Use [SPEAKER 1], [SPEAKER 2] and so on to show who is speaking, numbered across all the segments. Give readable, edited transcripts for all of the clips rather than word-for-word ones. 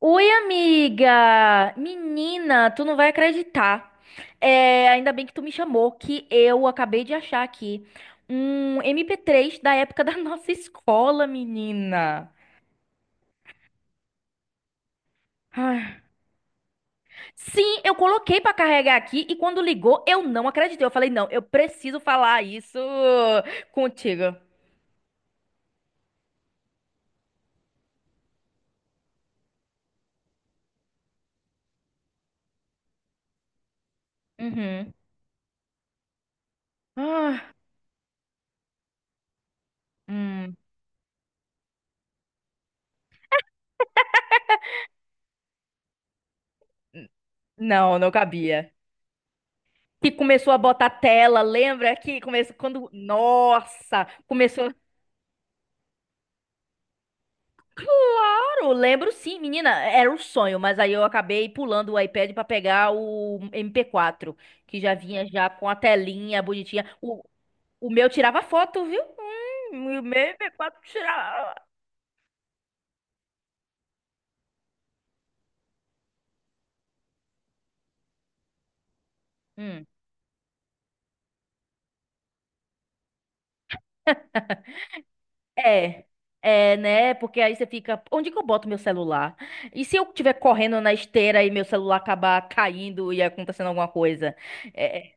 [SPEAKER 1] Oi, amiga! Menina, tu não vai acreditar. É, ainda bem que tu me chamou, que eu acabei de achar aqui um mp três da época da nossa escola, menina. Ai. Sim, eu coloquei pra carregar aqui e quando ligou, eu não acreditei. Eu falei, não, eu preciso falar isso contigo. Uhum. Ah, hum. n- Não, não cabia. Que começou a botar tela, lembra que começou quando, nossa, começou. Claro, lembro sim, menina, era um sonho, mas aí eu acabei pulando o iPad pra pegar o MP4, que já vinha já com a telinha bonitinha. O meu tirava foto, viu? O meu MP4 tirava. Hum. É, é, né? Porque aí você fica, onde que eu boto meu celular? E se eu estiver correndo na esteira e meu celular acabar caindo e acontecendo alguma coisa? É,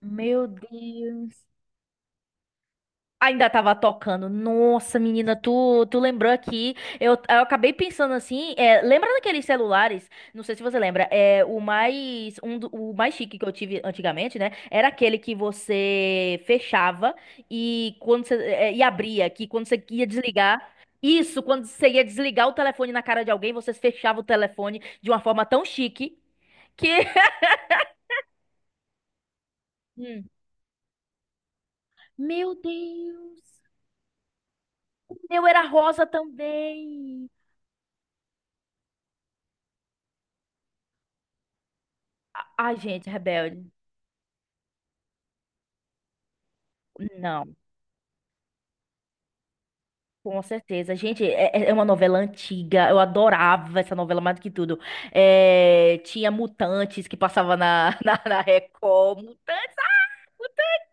[SPEAKER 1] meu Deus. Ainda tava tocando. Nossa, menina, tu lembrou aqui. Eu acabei pensando assim. Lembra daqueles celulares? Não sei se você lembra. É, o mais, um, o mais chique que eu tive antigamente, né? Era aquele que você fechava e quando você, e abria, que quando você ia desligar. Isso, quando você ia desligar o telefone na cara de alguém, você fechava o telefone de uma forma tão chique que. Hum. Meu Deus! O meu era rosa também. Ai, gente, rebelde. Não, com certeza. Gente, é uma novela antiga. Eu adorava essa novela mais do que tudo. É, tinha Mutantes que passava na, na, na Record. Mutantes, ah, Mutantes,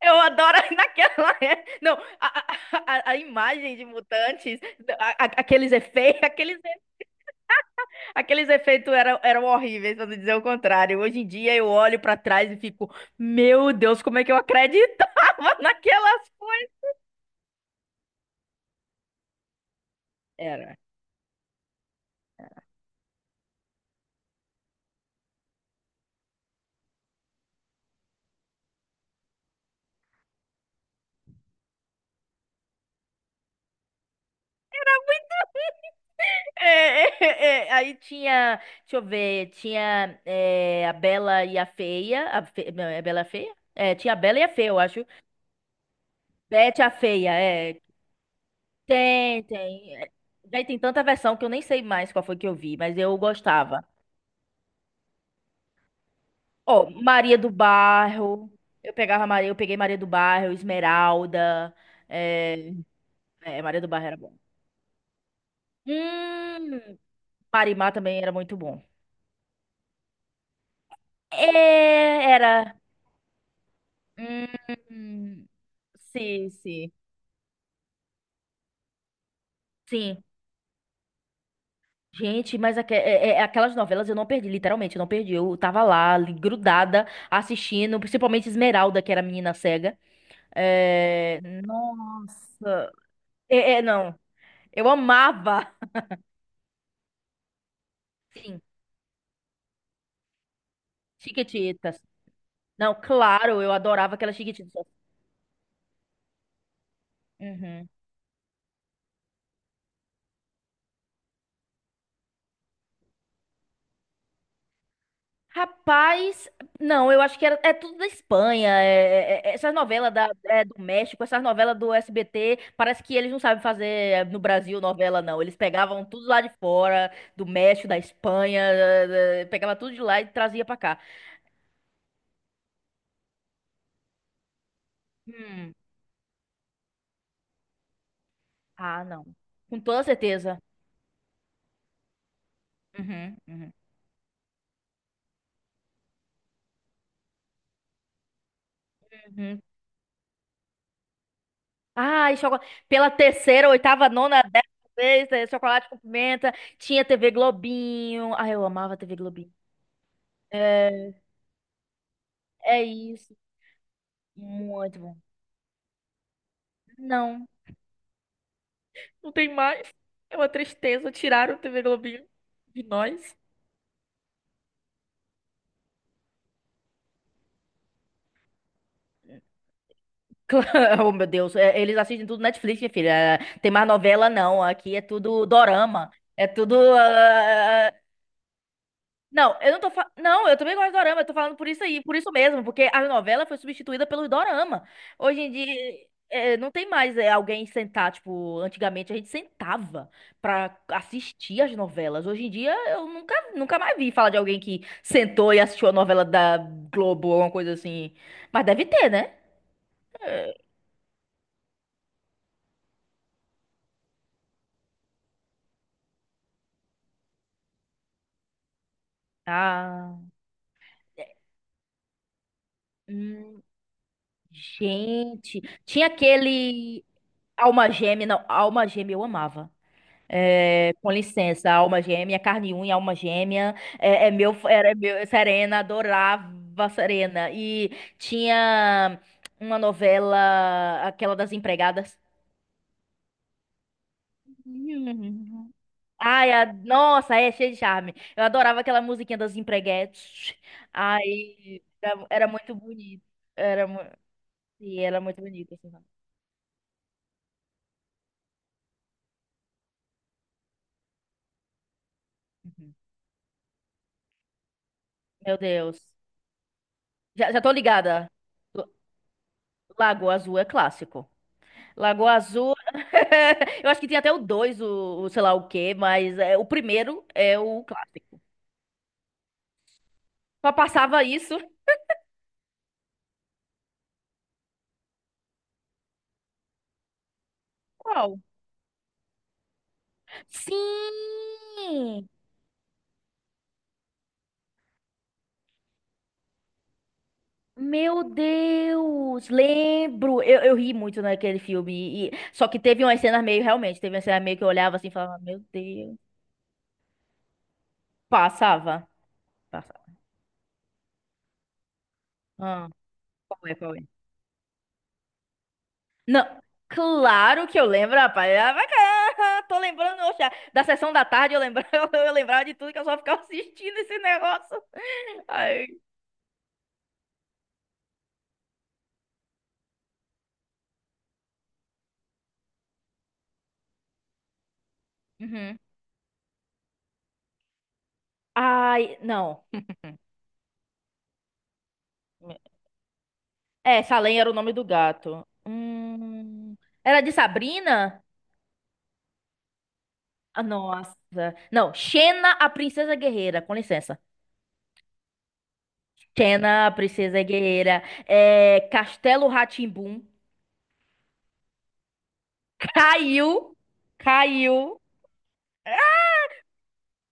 [SPEAKER 1] eu adoro naquela. Não, a imagem de Mutantes, aqueles efeitos, aqueles, aqueles efeitos eram, eram horríveis, pra não dizer o contrário. Hoje em dia eu olho pra trás e fico, meu Deus, como é que eu acreditava naquelas coisas? Era. É, É. Aí tinha, deixa eu ver, tinha a Bela e a Feia, a não, é a Bela e a Feia? É, tinha a Bela e a Feia, eu acho. Bete a Feia, é. Tem, tem. É, daí tem tanta versão que eu nem sei mais qual foi que eu vi, mas eu gostava. Ó, Maria do Bairro, eu pegava Maria, eu peguei Maria do Bairro, Esmeralda, é, Maria do Bairro era bom. Hum, Marimar também era muito bom. É, era. Hum, sim, sim. Sim. Gente, mas aquelas novelas eu não perdi, literalmente, eu não perdi. Eu tava lá, ali, grudada, assistindo, principalmente Esmeralda, que era a menina cega. É, nossa. Não. Eu amava. Sim, Chiquititas. Não, claro, eu adorava aquelas Chiquititas. Uhum. Rapaz, não, eu acho que era, é tudo da Espanha, essas novelas da, é, do México, essas novelas do SBT, parece que eles não sabem fazer no Brasil novela, não. Eles pegavam tudo lá de fora, do México, da Espanha, pegava tudo de lá e trazia pra cá. Hum, ah, não. Com toda certeza. Uhum, uhum, uhum. Ah, e chocolate. Pela terceira, oitava, nona, décima vez, chocolate com pimenta, tinha TV Globinho. Ah, eu amava TV Globinho. É, é isso. Muito bom. Não. Não tem mais. É uma tristeza. Tiraram o TV Globinho de nós. Oh, meu Deus. É, eles assistem tudo Netflix, minha filha. É, tem mais novela, não. Aqui é tudo dorama. É tudo. Não, eu não tô fa... Não, eu também gosto de dorama, eu tô falando por isso aí, por isso mesmo, porque a novela foi substituída pelo dorama. Hoje em dia, não tem mais alguém sentar, tipo, antigamente a gente sentava pra assistir as novelas. Hoje em dia, eu nunca, nunca mais vi falar de alguém que sentou e assistiu a novela da Globo ou alguma coisa assim. Mas deve ter, né? Ah. é, Hum, gente, tinha aquele Alma Gêmea, não, Alma Gêmea eu amava. Com licença, alma gêmea, carne e unha, alma gêmea, é meu, era meu, Serena, adorava Serena. E tinha uma novela, aquela das empregadas. Hum. Ai, nossa, é cheio de charme. Eu adorava aquela musiquinha das empreguetes. Ai, era, era muito bonito. Era, e era muito bonito. Assim. Uhum. Meu Deus. Já, já tô ligada. Lagoa Azul é clássico. Lagoa Azul. Eu acho que tinha até o dois, o sei lá o quê, mas é, o primeiro é o clássico. Só passava isso. Qual? Sim! Meu Deus, lembro. Eu ri muito naquele filme. Só que teve umas cenas meio, realmente, teve uma cena meio que eu olhava assim e falava, meu Deus. Passava. Passava. Ah, qual é, qual é? Não, claro que eu lembro, rapaz. Ah, vai cá, tô lembrando, oxa, da sessão da tarde eu lembrava, eu lembrava de tudo que eu só ficava assistindo esse negócio. Ai, uhum. Ai, não. É, Salem era o nome do gato. Era de Sabrina? Ah, nossa. Não, Xena, a Princesa Guerreira. Com licença. Xena, a Princesa Guerreira. É, Castelo rá. Caiu. Caiu.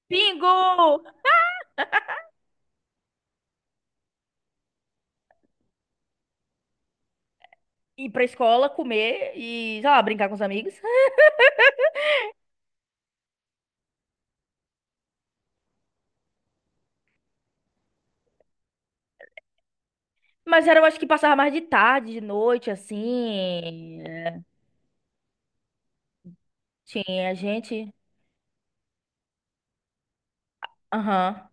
[SPEAKER 1] Pingu! Ir pra escola, comer e, sei lá, brincar com os amigos. Mas era, eu acho que passava mais de tarde, de noite, assim. Tinha gente. Aham.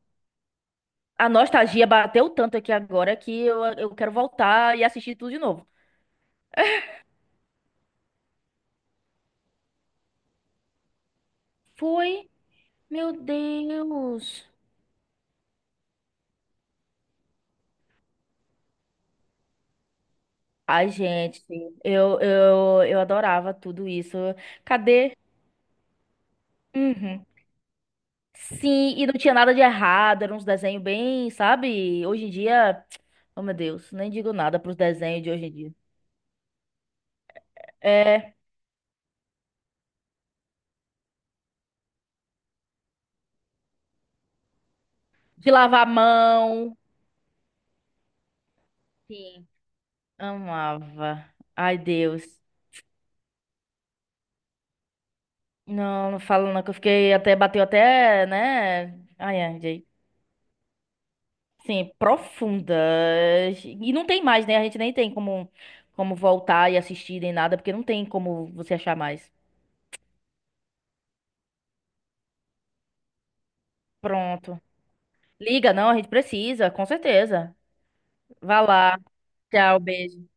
[SPEAKER 1] A nostalgia bateu tanto aqui agora que eu quero voltar e assistir tudo de novo. Foi, meu Deus. Ai, gente, eu adorava tudo isso. Cadê? Uhum. Sim, e não tinha nada de errado, era uns desenhos bem, sabe? Hoje em dia, oh meu Deus, nem digo nada pros desenhos de hoje em dia. É, de lavar a mão. Sim. Amava. Ai, Deus. Não, não falo não, que eu fiquei até, bateu até, né? Ai, ai, gente. Sim, profunda. E não tem mais, né? A gente nem tem como, como voltar e assistir nem nada, porque não tem como você achar mais. Pronto. Liga, não, a gente precisa, com certeza. Vá lá. Tchau, beijo.